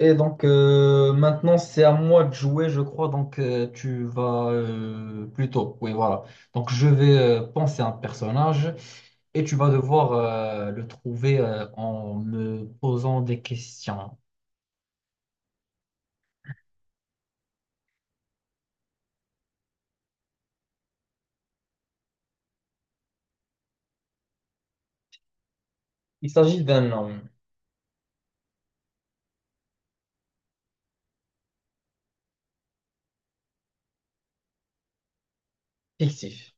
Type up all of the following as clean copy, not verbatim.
Et donc maintenant c'est à moi de jouer, je crois. Donc tu vas plutôt. Oui, voilà. Donc je vais penser à un personnage et tu vas devoir le trouver en me posant des questions. Il s'agit d'un homme fictif,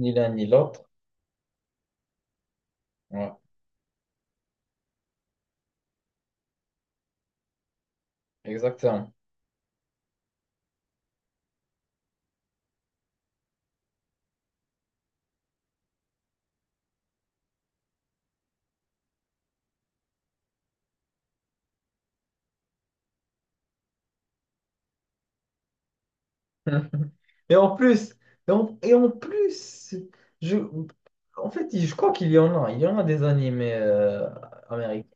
ni l'un ni l'autre. Ouais, exactement. Et en plus, et en plus, je, en fait, je crois qu'il y en a. Il y en a des animés américains.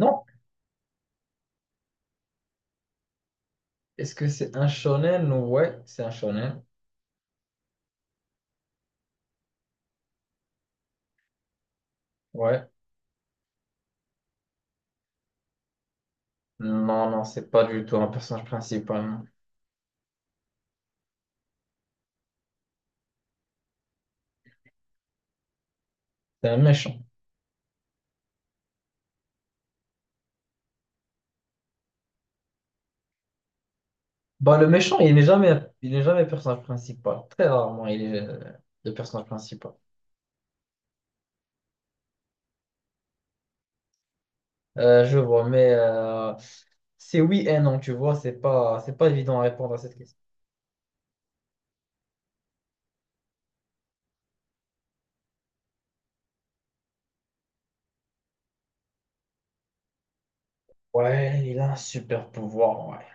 Non. Est-ce que c'est un shonen? Ouais, c'est un shonen. Ouais. Non, non, c'est pas du tout un personnage principal. Non. C'est un méchant. Bah, le méchant, il n'est jamais personnage principal. Très rarement, il est le personnage principal. Je vois, mais c'est oui et non, tu vois, c'est pas évident à répondre à cette question. Ouais, il a un super pouvoir, ouais.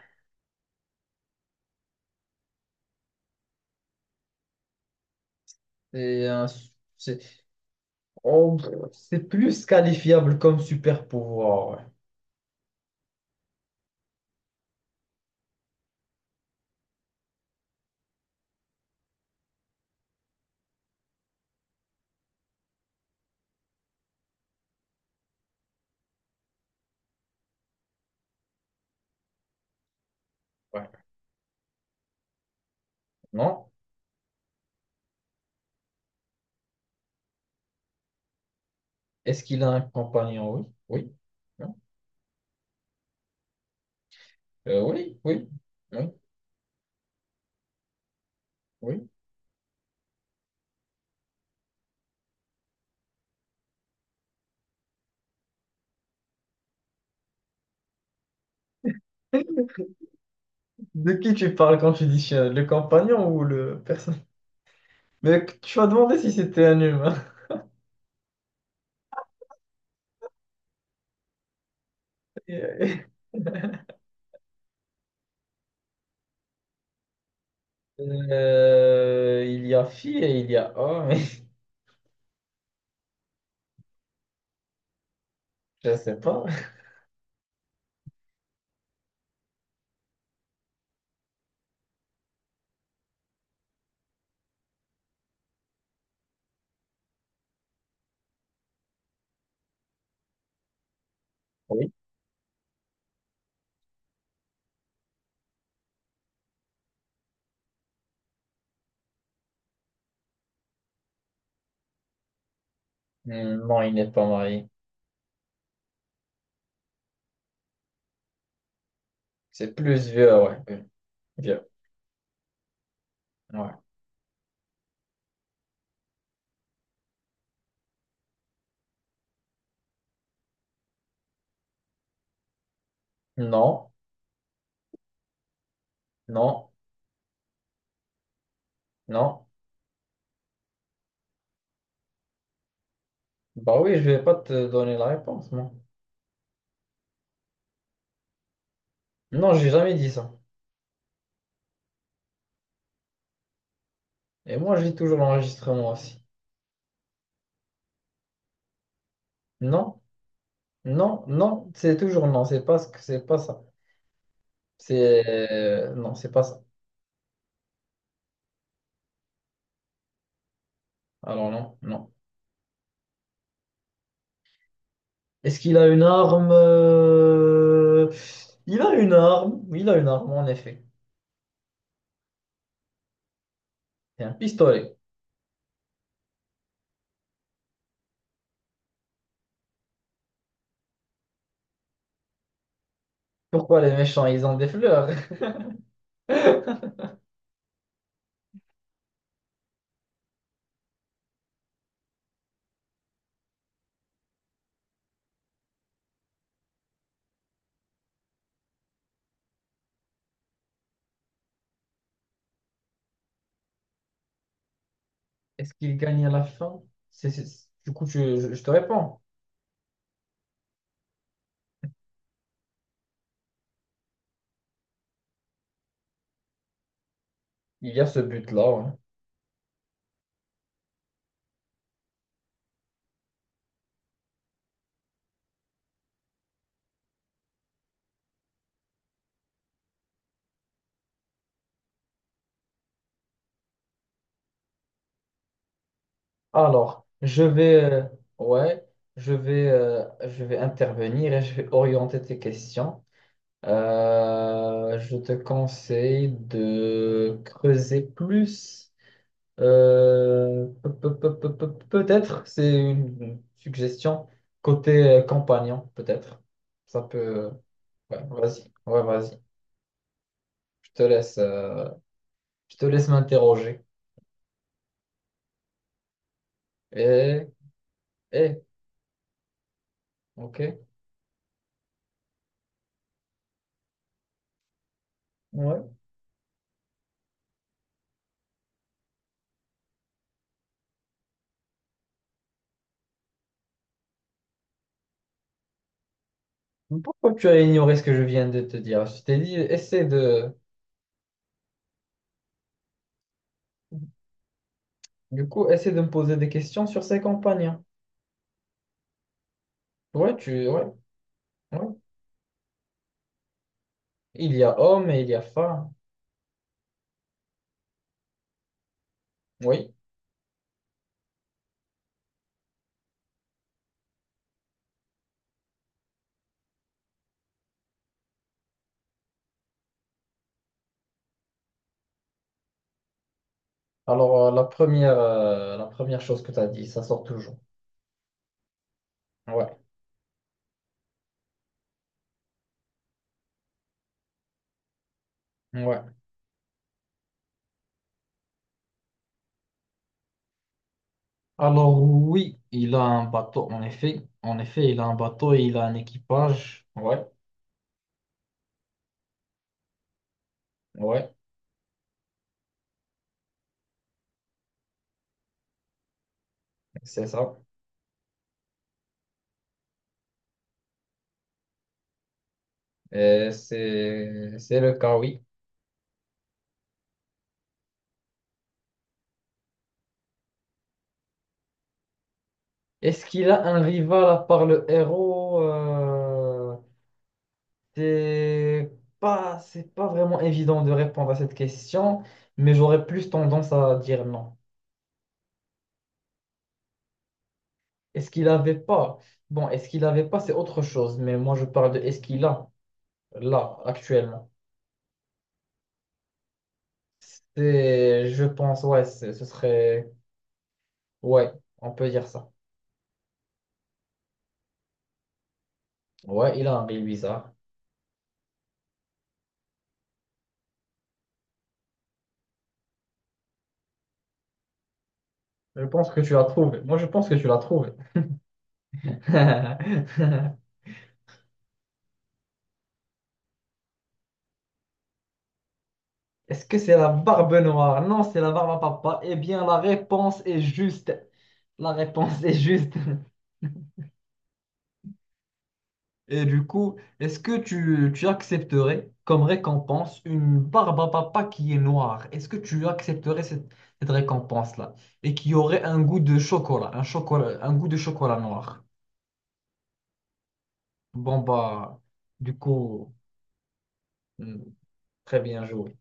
C'est un su- c'est Oh, pff, c'est plus qualifiable comme super pouvoir, ouais. Ouais. Non? Est-ce qu'il a un compagnon? Oui. Oui. Oui, oui, oui. De qui tu parles quand tu dis chien? Le compagnon ou le personne? Mais tu m'as demandé si c'était un humain. Il y a fille et il y a homme. Je sais pas. Oui. Non, il n'est pas marié. C'est plus vieux, ouais. Oui, vieux. Ouais. Non, non, non. Bah oui, je vais pas te donner la réponse, moi. Non, j'ai jamais dit ça. Et moi, j'ai toujours l'enregistrement aussi. Non, non, non, c'est toujours non. C'est pas ce que c'est pas ça. C'est... Non, c'est pas ça. Alors non, non. Est-ce qu'il a une arme? Il a une arme. Oui, il a une arme, en effet. C'est un pistolet. Pourquoi les méchants, ils ont des fleurs? Est-ce qu'il gagne à la fin? Du coup, je te réponds. Il y a ce but-là, ouais. Alors, ouais, je vais intervenir et je vais orienter tes questions. Je te conseille de creuser plus. Peut-être, c'est une suggestion côté compagnon, peut-être. Ça peut. Ouais, vas-y. Ouais, vas-y. Je te laisse, euh, je te laisse m'interroger. et et ok. Ouais. Pourquoi tu as ignoré ce que je viens de te dire? Je t'ai dit, essaie de. Du coup, essaie de me poser des questions sur ses compagnons. Ouais, tu. Ouais, ouais. Il y a homme et il y a femme. Oui. Alors, la première chose que tu as dit, ça sort toujours. Ouais. Ouais. Alors oui, il a un bateau, en effet. En effet, il a un bateau et il a un équipage. Ouais, ouais, c'est ça. C'est le cas, oui. Est-ce qu'il a un rival à part le héros? C'est pas vraiment évident de répondre à cette question, mais j'aurais plus tendance à dire non. Est-ce qu'il avait pas? Bon, est-ce qu'il avait pas, c'est autre chose, mais moi je parle de est-ce qu'il a là, actuellement. Je pense, ouais, c'est- ce serait. Ouais, on peut dire ça. Ouais, il a un rire bizarre. Je pense que tu l'as trouvé. Moi, je pense que tu l'as trouvé. Est-ce que c'est la Barbe Noire? Non, c'est la Barbe à Papa. Eh bien, la réponse est juste. La réponse est juste. Et du coup, est-ce que tu accepterais comme récompense une barbe à papa qui est noire? Est-ce que tu accepterais cette récompense-là? Et qui aurait un goût de chocolat, un goût de chocolat noir. Bon, bah, du coup, hmm, très bien joué.